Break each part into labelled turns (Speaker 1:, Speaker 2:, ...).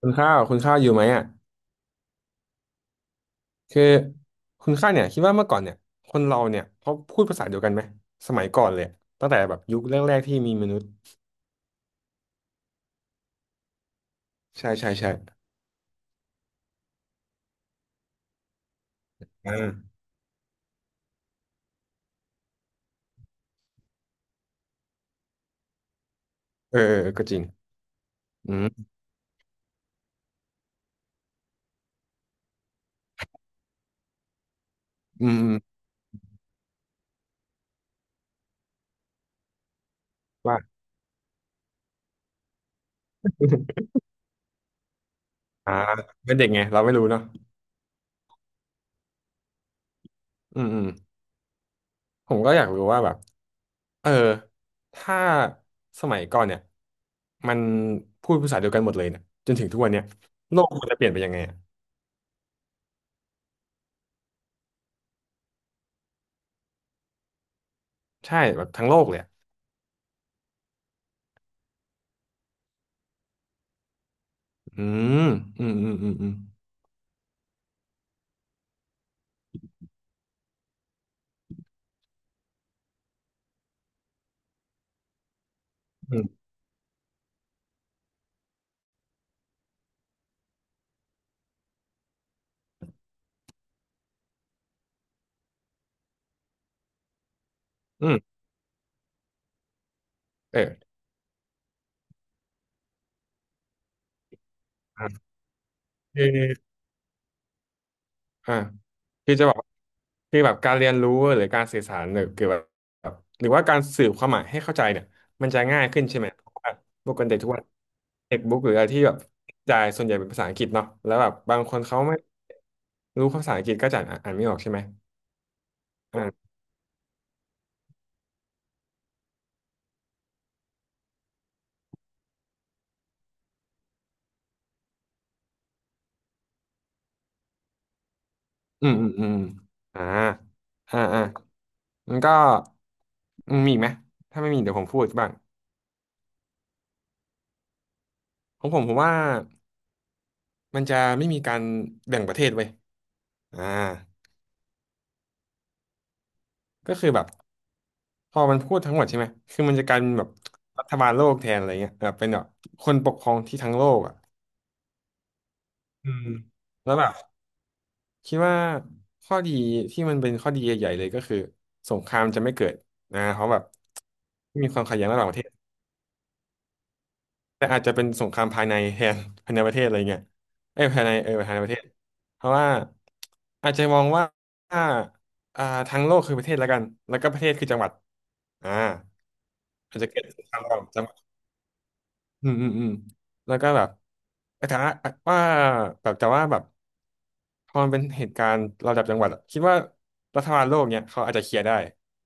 Speaker 1: คุณข้าวอยู่ไหมอ่ะคือคุณข้าวเนี่ยคิดว่าเมื่อก่อนเนี่ยคนเราเนี่ยเขาพูดภาษาเดียวกันไหมสมัยก่อนเลยอะตั้งแต่แบบยุคแรกๆที่มีมนุษย์ใช่ใช่ใช่อ่าเออเออเออก็จริงอืมอืมอืมว่าอ่าเป็นเด็กไงเราไม่รู้เนาะอืมอืมผมก็อยากรู้ว่าแบบเออถ้าสมัยก่อนเนี่ยมันพูดภาษาเดียวกันหมดเลยเนี่ยจนถึงทุกวันเนี่ยโลกมันจะเปลี่ยนไปยังไงอ่ะใช่แบบทั้งโลกเลยอะอืมอืมอืมอืมอืมอืมอืมเออ อ่ะคืออ่าคือจะบอกคือแบบการเรียนรู้หรือการสื่อสารหรือเกี่ยวกับแบบหรือว่าการสื่อความหมายให้เข้าใจเนี่ยมันจะง่ายขึ้นใช่ไหมเพราะว่าพวกกันเด็กทุกวันเด็กบุ๊กหรืออะไรที่แบบจ่ายส่วนใหญ่เป็นภาษาอังกฤษเนาะแล้วแบบบางคนเขาไม่รู้ภาษาอังกฤษก็จะอ่านไม่ออกใช่ไหมอ่าอืมอืมอืมอ่าอ่าอ่ามันก็มีอีกไหมถ้าไม่มีเดี๋ยวผมพูดบ้างของผมผมว่ามันจะไม่มีการแบ่งประเทศไว้ยอ่าก็คือแบบ พอมันพูดทั้งหมดใช่ไหม คือมันจะกลายเป็นแบบรัฐบาลโลกแทนอะไรเงี้ยแบบเป็นแบบคนปกครองที่ทั้งโลกอ่ะอืมแล้วแบบคิดว่าข้อดีที่มันเป็นข้อดีใหญ่ๆเลยก็คือสงครามจะไม่เกิดนะเพราะแบบม่มีความขัดแย้งระหว่างประเทศแต่อาจจะเป็นสงครามภายในแทน ภายในประเทศอะไรเงี้ยเอ้ยภายในภายในประเทศเพราะว่าอาจจะมองว่าอ่าอ่าทั้งโลกคือประเทศแล้วกันแล้วก็ประเทศคือจังหวัดอ่าอาจจะเกิดสงครามระหว่างจังหวัด อืมอืมอืมแล้วก็แบบแต่ว่าว่าแบบแต่ว่าแบบพอมันเป็นเหตุการณ์ระดับจังหวัดอะคิดว่ารัฐบาลโลกเนี่ยเขาอาจจะเคลียร์ได้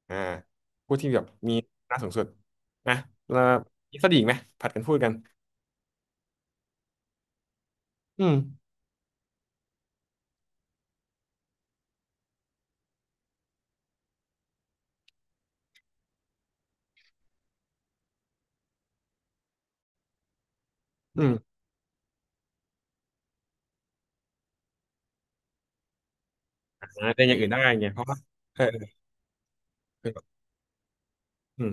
Speaker 1: อ่าผู้ที่แบบมีอำนาจสูงสุดนะแล้วมีข้อดีอีกไหมผัดกันพูดกันอืมอืมอ่าเป็นอย่างอื่นได้ไงเพราะว่าเออเอออืม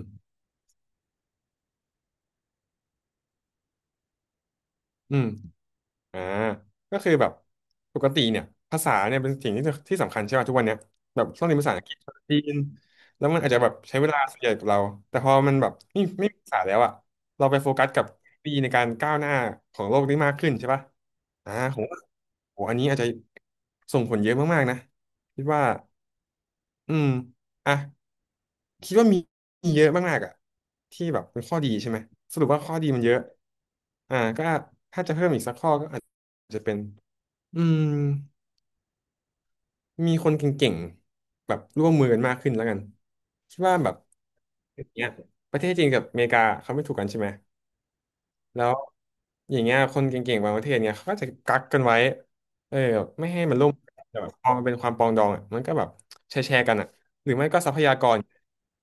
Speaker 1: อืม อ่าก็คือแบบปกติเนี่ยภาษาเนี่ยเป็นสิ่งที่ที่สำคัญใช่ป่ะทุกวันเนี้ยแบบต้องเรียนภาษาอังกฤษภาษาจีนแล้วมันอาจจะแบบใช้เวลาส่วนใหญ่กับเราแต่พอมันแบบไม่มีภาษาแล้วอ่ะเราไปโฟกัสกับปีในการก้าวหน้าของโลกนี้มากขึ้นใช่ป่ะอ่าผมว่าโหอันนี้อาจจะส่งผลเยอะมากๆนะคิดว่าอืมอ่ะคิดว่ามีเยอะมากๆอ่ะที่แบบเป็นข้อดีใช่ไหมสรุปว่าข้อดีมันเยอะอ่าก็ถ้าจะเพิ่มอีกสักข้อก็อาจจะเป็น อืมมีคนเก่งๆแบบร่วมมือกันมากขึ้นแล้วกันคิดว่าแบบอย่างเนี้ยประเทศจีนกับอเมริกาเขาไม่ถูกกันใช่ไหม แล้วอย่างเงี้ยคนเก่งๆบางประเทศเนี่ยเขาก็จะกักกันไว้เออแบบไม่ให้มันล่มแต่แบบพอมันเป็นความปรองดองอ่ะมันก็แบบแชร์กันอ่ะหรือไม่ก็ทรัพยากร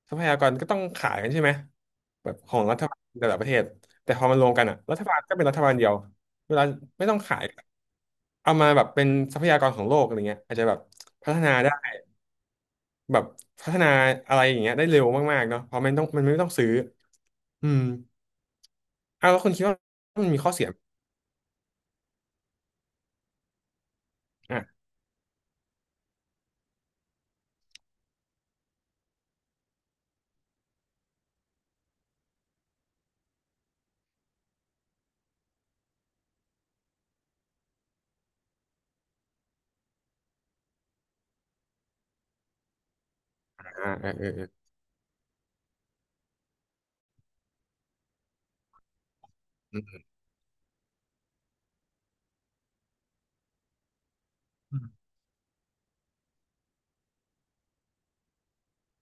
Speaker 1: ทรัพยากรก็ต้องขายกันใช่ไหมแบบของรัฐบาลแต่ละประเทศแต่พอมันรวมกันอ่ะรัฐบาลก็เป็นรัฐบาลเดียวเวลาไม่ต้องขายเอามาแบบเป็นทรัพยากรของโลกอะไรเงี้ยอาจจะแบบพัฒนาได้แบบพัฒนาอะไรอย่างเงี้ยได้เร็วมากๆเนาะเพราะมันไม่ต้องซื้ออืมอ้าวแล้วคุณคิดว่ามันมีข้อเสียไหม อ่าเออเออเอออืม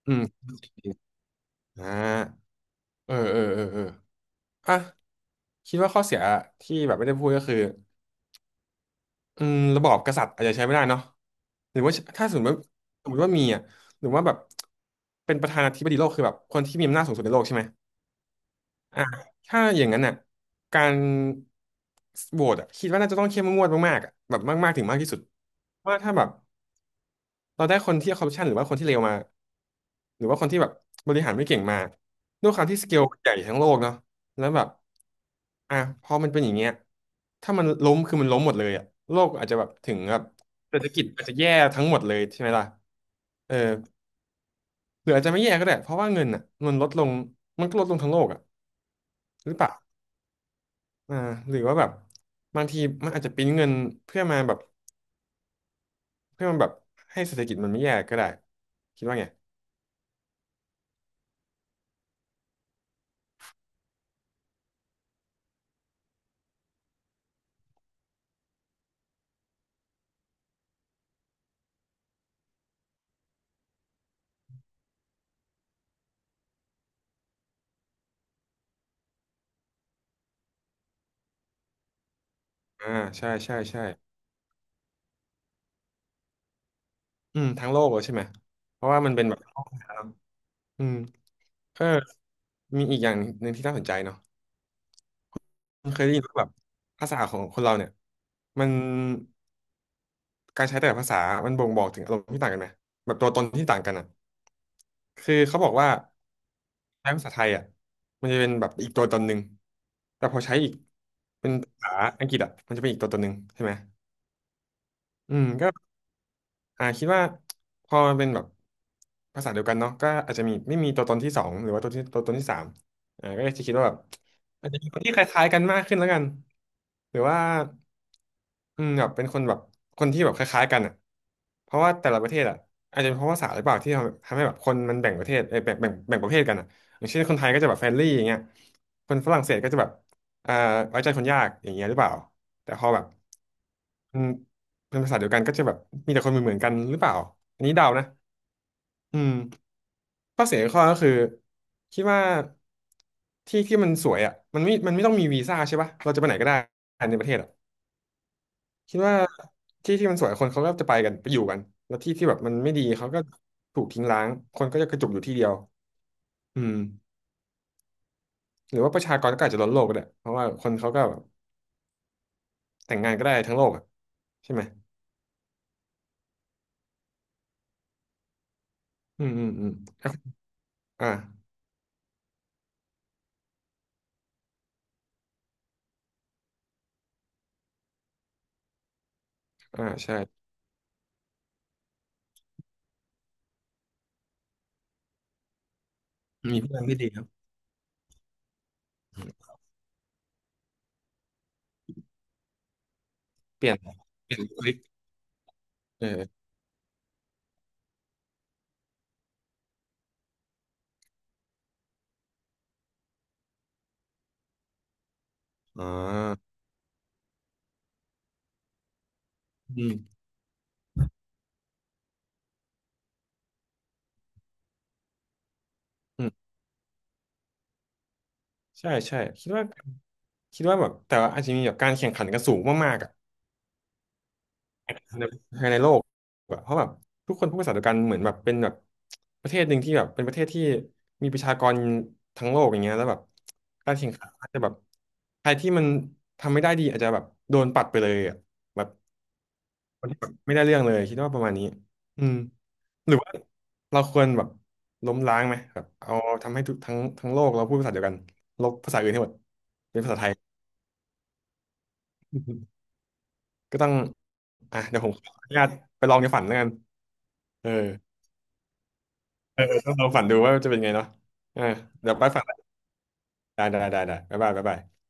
Speaker 1: อืมอ่าเออเออเออเอออ่ะคิดว่าข้อเสียที่แบบไม่ได้พูดก็คืออืมระบอบกษัตริย์อาจจะใช้ไม่ได้เนาะหรือว่าถ้าสมมติว่ามีอ่ะหรือว่าแบบเป็นประธานาธิบดีโลกคือแบบคนที่มีอำนาจสูงสุดในโลกใช่ไหมอ่ะถ้าอย่างนั้นอ่ะการโหวตอ่ะคิดว่าน่าจะต้องเข้มงวดมากๆอ่ะแบบมากๆถึงมากที่สุดว่าถ้าแบบ เราได้คนที่คอร์รัปชันหรือว่าคนที่เลวมาหรือว่าคนที่แบบบริหารไม่เก่งมาด้วยความที่สเกลใหญ่ทั้งโลกเนาะแล้วแบบอ่ะพอมันเป็นอย่างเงี้ยถ้ามันล้มคือมันล้มหมดเลยอะโลกอาจจะแบบถึงแบบเศรษฐกิจอาจจะแย่ทั้งหมดเลยใช่ไหมล่ะเออหรืออาจจะไม่แย่ก็ได้เพราะว่าเงินอ่ะมันลดลงมันก็ลดลงทั้งโลกอ่ะหรือเปล่าอ่าหรือว่าแบบบางทีมันอาจจะปริ้นเงินเพื่อมาแบบเพื่อมาแบบให้เศรษฐกิจมันไม่แย่ก็ได้คิดว่าไงอ่าใช่ใช่ใช่ อืมทั้งโลกเลยใช่ไหมเพราะว่ามันเป็นแบบโลกแท้เองน้ำอืมเออมีอีกอย่างหนึ่งที่น่าสนใจเนาะมันเคยได้ยินว่าแบบภาษาของคนเราเนี่ยมันการใช้แต่ละภาษามันบ่งบอกถึงอารมณ์ที่ต่างกันไหมแบบตัวตนที่ต่างกันอ่ะคือเขาบอกว่าใช้ภาษาไทยอ่ะมันจะเป็นแบบอีกตัวตนหนึ่งแต่พอใช้อีกเป็นภาษาอังกฤษอ่ะมันจะเป็นอีกตัวตนหนึ่งใช่ไหมอืมก็ อ่าคิดว่าพอมันเป็นแบบภาษาเดียวกันเนาะก็อาจจะมีไม่มีตัวตนที่สองหรือว่าตัวที่ตัวตนที่สามอ่าก็จะคิดว่าแบบอาจจะมีคนที่คล้ายๆกันมากขึ้นแล้วกันหรือว่าอืมแบบเป็นคนแบบคนที่แบบคล้ายๆกันอ่ะเพราะว่าแต่ละประเทศอ่ะอาจจะเป็นเพราะภาษาหรือเปล่าที่ทำให้แบบคนมันแบ่งประเทศเอยแบ่งประเภทกันอ่ะอย่างเช่นคนไทยก็จะแบบเฟรนลี่อย่างเงี้ยคนฝรั่งเศสก็จะแบบอ่าไว้ใจคนยากอย่างเงี้ยหรือเปล่าแต่พอแบบอืม เป็นภาษาเดียวกันก็จะแบบมีแต่คนเหมือนกันหรือเปล่าอันนี้เดานะอืมข้อเสียข้อก็คือคิดว่าที่ที่มันสวยอ่ะมันไม่ต้องมีวีซ่าใช่ปะเราจะไปไหนก็ได้ในประเทศอ่ะคิดว่าที่ที่มันสวยคนเขาก็จะไปกันไปอยู่กันแล้วที่ที่แบบมันไม่ดีเขาก็ถูกทิ้งร้างคนก็จะกระจุกอยู่ที่เดียวอืมหรือว่าประชากรก็อาจจะล้นโลกก็ได้เพราะว่าคนเขาก็แบบแต่งงานก็ได้ทั้งโลกอ่ะใช่ไหมอืมอืมอืมอ่อ่าใช่มีพลังที่ดีครับ เปลี่ยนบุคลิกเอออ่าอืมอืมใช่ใช่คิดว่าแบบแต่ว่าอาจจะมีแบบการแข่งขันกันสูงมากๆอ่ะในภายในโลกแบบเพราะแบบทุกคนพูดภาษาเดียวกันเหมือนแบบเป็นแบบประเทศหนึ่งที่แบบเป็นประเทศที่มีประชากรทั้งโลกอย่างเงี้ยแล้วแบบการแข่งขันอาจจะแบบใครที่มันทำไม่ได้ดีอาจจะแบบโดนปัดไปเลยอ่ะแบบ คนที่แบบไม่ได้เรื่องเลยคิดว่าประมาณนี้อืมหรือว่าเราควรแบบล้มล้างไหมแบบเอาทำให้ทุกทั้งโลกเราพูดภาษาเดียวกันลบภาษาอื่นให้หมดเป็นภาษาไทยก็ต้องอ่ะเดี๋ยวผมขออนุญาตไปลองในฝันแล้วกันเออเออเออต้องลองฝันดูว่าจะเป็นไงเนาะอ่าเดี๋ยวไปฝันได้บ๊ายบาย